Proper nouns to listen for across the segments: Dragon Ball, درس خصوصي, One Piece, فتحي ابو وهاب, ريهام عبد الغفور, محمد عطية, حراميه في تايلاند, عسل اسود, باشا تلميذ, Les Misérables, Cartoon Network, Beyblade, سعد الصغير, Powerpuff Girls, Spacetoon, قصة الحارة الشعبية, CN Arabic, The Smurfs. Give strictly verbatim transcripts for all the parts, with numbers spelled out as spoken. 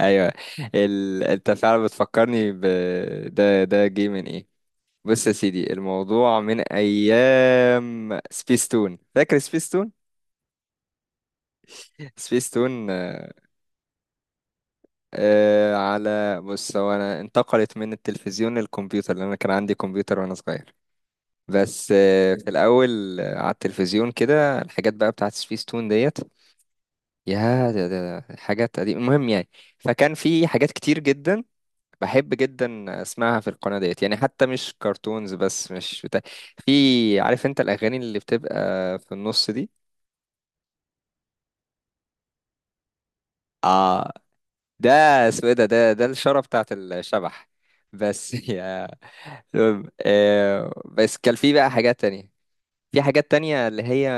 ايوه. ال... انت فعلا بتفكرني ب... ده ده جه من ايه؟ بص يا سيدي، الموضوع من ايام سبيستون. فاكر سبيستون؟ سبيستون آه. آه، على، بص، هو انا انتقلت من التلفزيون للكمبيوتر لان انا كان عندي كمبيوتر وانا صغير. بس آه في الاول، آه، على التلفزيون كده الحاجات بقى بتاعت سبيستون ديت، يا ده ده حاجات قديمة. المهم يعني، فكان في حاجات كتير جدا بحب جدا اسمعها في القناة ديت، يعني حتى مش كرتونز بس، مش بتاع، في، عارف انت، الاغاني اللي بتبقى في النص دي. اه، ده اسمه ايه؟ ده ده ده الشارة بتاعت الشبح بس يا، المهم، آه، بس كان في بقى حاجات تانية، في حاجات تانية اللي هي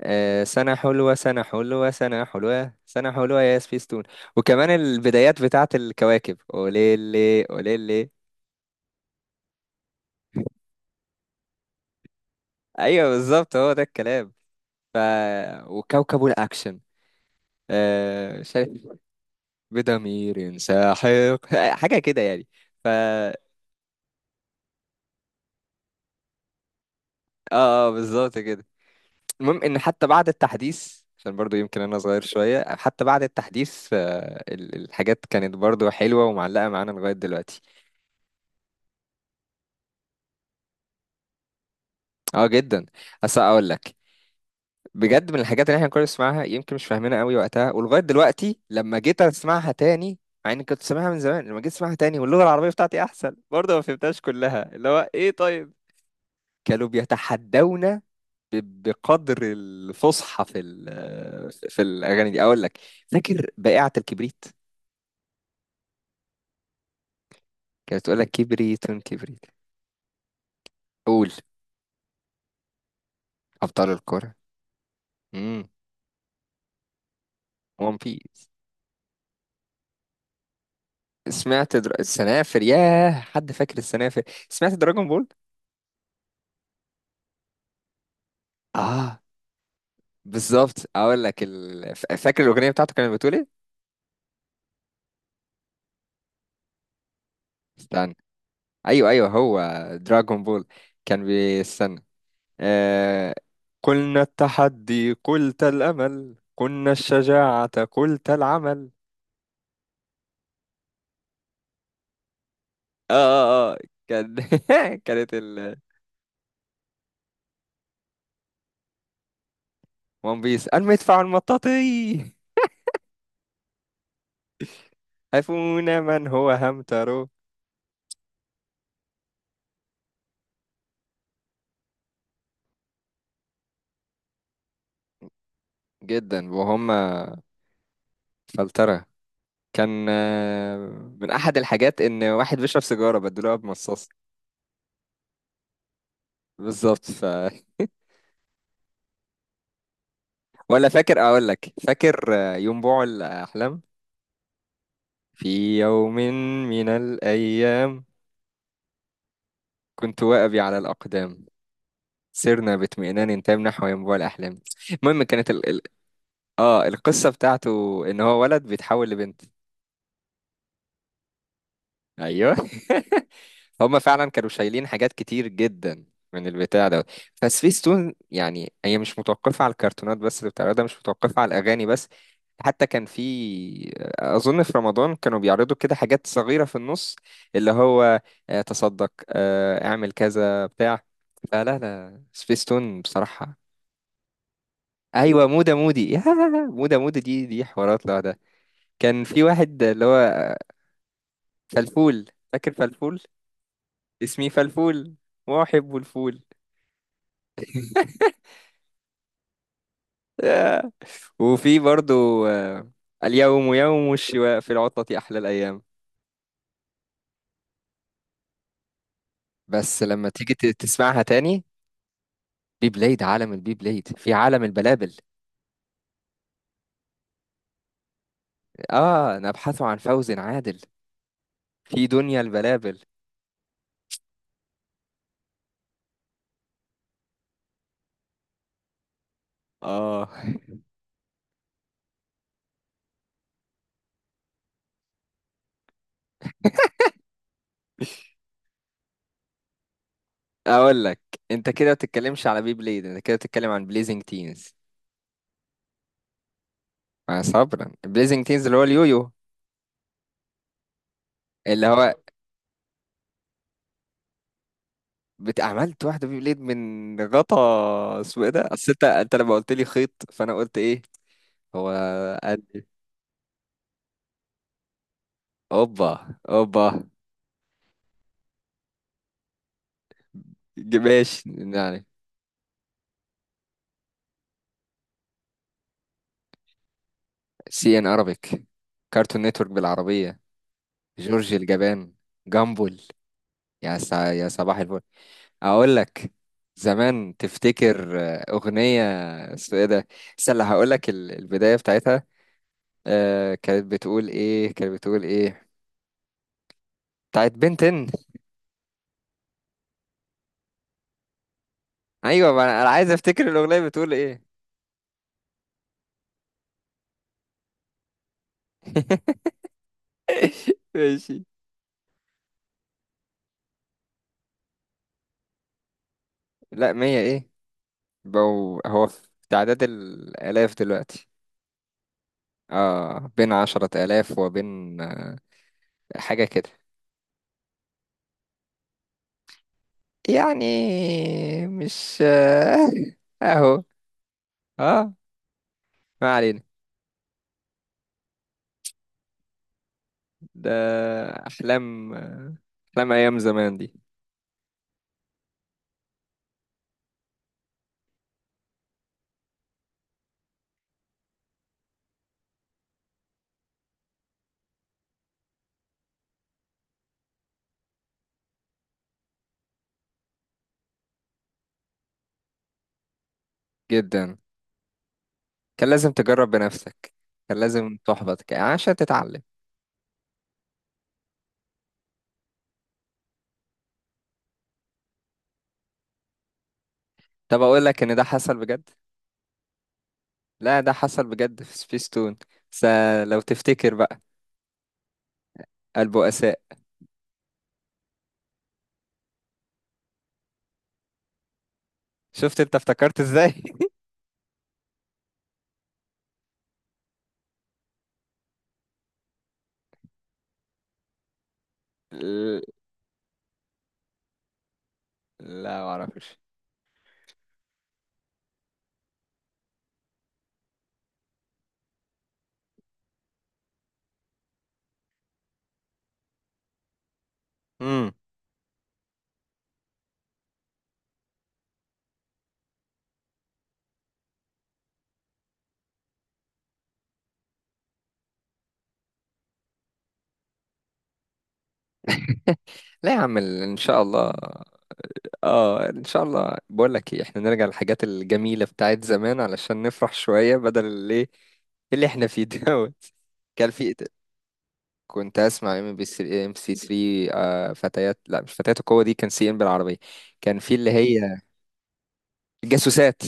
آه، سنة حلوة سنة حلوة سنة حلوة سنة حلوة يا سبيستون. وكمان البدايات بتاعت الكواكب، أوليلي أوليلي. أيوة، بالظبط هو ده الكلام. ف... وكوكب الأكشن. آه، شايف، بضمير ساحق حاجة كده يعني. ف اه آه، بالظبط كده. المهم إن حتى بعد التحديث، عشان برضو يمكن أنا صغير شوية، حتى بعد التحديث آه، ال- الحاجات كانت برضو حلوة ومعلقة معانا لغاية دلوقتي. اه جدا. بس أقول لك، بجد من الحاجات اللي احنا كنا بنسمعها يمكن مش فاهمينها قوي وقتها ولغايه دلوقتي لما جيت اسمعها تاني، مع اني كنت سامعها من زمان، لما جيت اسمعها تاني واللغه العربيه بتاعتي احسن برضه، ما فهمتهاش كلها، اللي هو ايه، طيب؟ كانوا بيتحدونا ب- بقدر الفصحى في ال- في الاغاني دي. اقول لك، فاكر بائعه الكبريت؟ كانت تقول لك كبريت كبريت. قول. ابطال الكره. امم. وان بيس. سمعت در... السنافر. ياه، حد فاكر السنافر؟ سمعت دراجون بول. اه، بالظبط. اقول لك ال... ف- فاكر الاغنيه بتاعته كانت بتقول ايه؟ استنى. ايوه ايوه هو دراغون بول، كان بيستنى آه... قلنا التحدي، قلت الامل، قلنا الشجاعه، قلت العمل. اه اه اه، كان كانت ال ون بيس المدفع المطاطي. هفونا، من هو همترو؟ جدا. وهم فلترة. كان آه، من احد الحاجات ان واحد بيشرب سيجاره بدلوها بمصاص. بالظبط. ف ولا، فاكر؟ اقول لك، فاكر آه، يوم بوع الاحلام؟ في يوم من الايام كنت واقبي على الاقدام، سرنا باطمئنان تام نحو ينبوع الاحلام. المهم، كانت ال... ال... اه، القصه بتاعته ان هو ولد بيتحول لبنت. ايوه هما فعلا كانوا شايلين حاجات كتير جدا من البتاع ده. فسبيستون يعني هي مش متوقفة على الكرتونات بس اللي بتعرضها، مش متوقفة على الأغاني بس. حتى كان في، أظن في رمضان، كانوا بيعرضوا كده حاجات صغيرة في النص، اللي هو آه، تصدق، آه، اعمل كذا بتاع. فلا لا، سبيستون بصراحة. أيوة، مودة مودي يا، مودة مودي دي دي حوارات لوحدها. كان في واحد اللي هو فلفول. فاكر فلفول؟ اسمي فلفول وأحب الفول آه. وفي برضو آه، اليوم يوم الشواء في العطلة أحلى الأيام. بس لما تيجي ت- تسمعها تاني. بي بلايد، عالم البي بلايد في عالم البلابل، آه نبحث عن فوز عادل في دنيا البلابل. آه أقول لك، أنت كده ما بتتكلمش على بي بلايد، أنت كده بتتكلم عن بليزنج تينز. مع صبرا بليزنج تينز اللي هو اليويو. اللي هو بت- عملت واحدة بي بلايد من غطا، اسمه ايه ده؟ أصل أنت أنت لما قلت لي خيط، فأنا قلت إيه. هو اوبا اوبا. ج- ماشي يعني. سي ان ارابيك، كارتون نتورك بالعربية. جورج الجبان. جامبل. يا سا... يا صباح الفل. اقول لك زمان، تفتكر آه، اغنية، اسمه ايه ده؟ استنى هقول لك ال- البداية بتاعتها، آه كانت بتقول ايه؟ كانت بتقول ايه؟ بتاعت بنتن. ايوه، ما انا أنا عايز افتكر الاغنية بتقول ايه. ماشي. لا، مية ايه؟ بو... هو في تعداد الالاف دلوقتي. اه، بين عشرة آلاف وبين آه، حاجة كده يعني. مش آه، اهو. اه، ما علينا. ده أحلام، آه، أحلام أيام زمان دي. جدا. كان لازم تجرب بنفسك، كان لازم تحبط ك- عشان تتعلم. طب أقول لك إن ده حصل بجد. لا، ده حصل بجد في سبيستون. س لو تفتكر بقى، البؤساء. شفت انت افتكرت ازاي. لا، معرفش. مم. لا يا عم ال- ان شاء الله. اه، يعني ان شاء الله، بقول لك ايه، احنا نرجع للحاجات الجميله بتاعت زمان علشان نفرح شويه بدل اللي اللي احنا فيه دوت. كان في، كنت اسمع ام بي سي ام سي ثري، آه، فتيات، لا مش فتيات القوه، دي كان سي ام بالعربيه. كان في اللي هي الجاسوسات.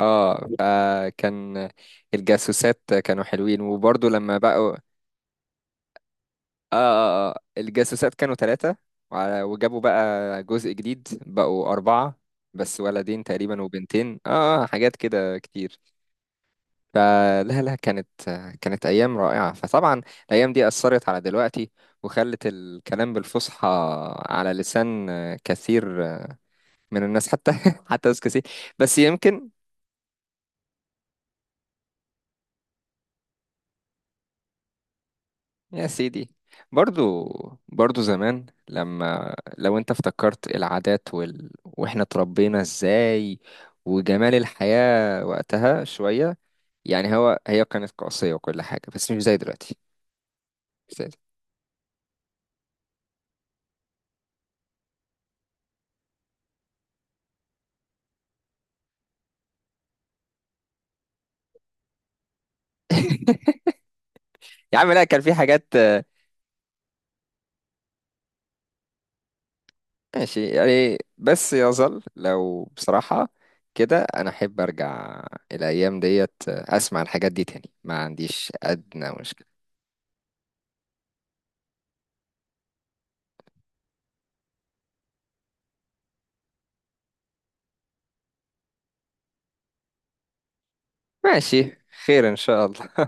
اه، فكان الجاسوسات كانوا حلوين، وبرضه لما بقوا اه اه اه، الجاسوسات كانوا ثلاثة، وجابوا بقى جزء جديد بقوا أربعة، بس ولدين تقريبا وبنتين. اه، آه، آه، حاجات كده كتير. فلا لا، كانت كانت أيام رائعة. فطبعا الأيام دي أثرت على دلوقتي، وخلت الكلام بالفصحى على لسان كثير من الناس، حتى حتى ناس كثير. بس يمكن. يا سيدي، برضو برضو زمان، لما لو انت افتكرت العادات وال... واحنا اتربينا ازاي، وجمال الحياة وقتها شوية، يعني هو هي كانت قاسية وكل حاجة، بس مش زي دلوقتي، مش زي دلوقتي. يا عم، لا كان في حاجات آه، ماشي يعني، بس يظل لو بصراحة كده انا احب ارجع الايام ديت، آه، اسمع الحاجات دي تاني، ما عنديش ادنى مشكلة. ماشي. خير ان شاء الله.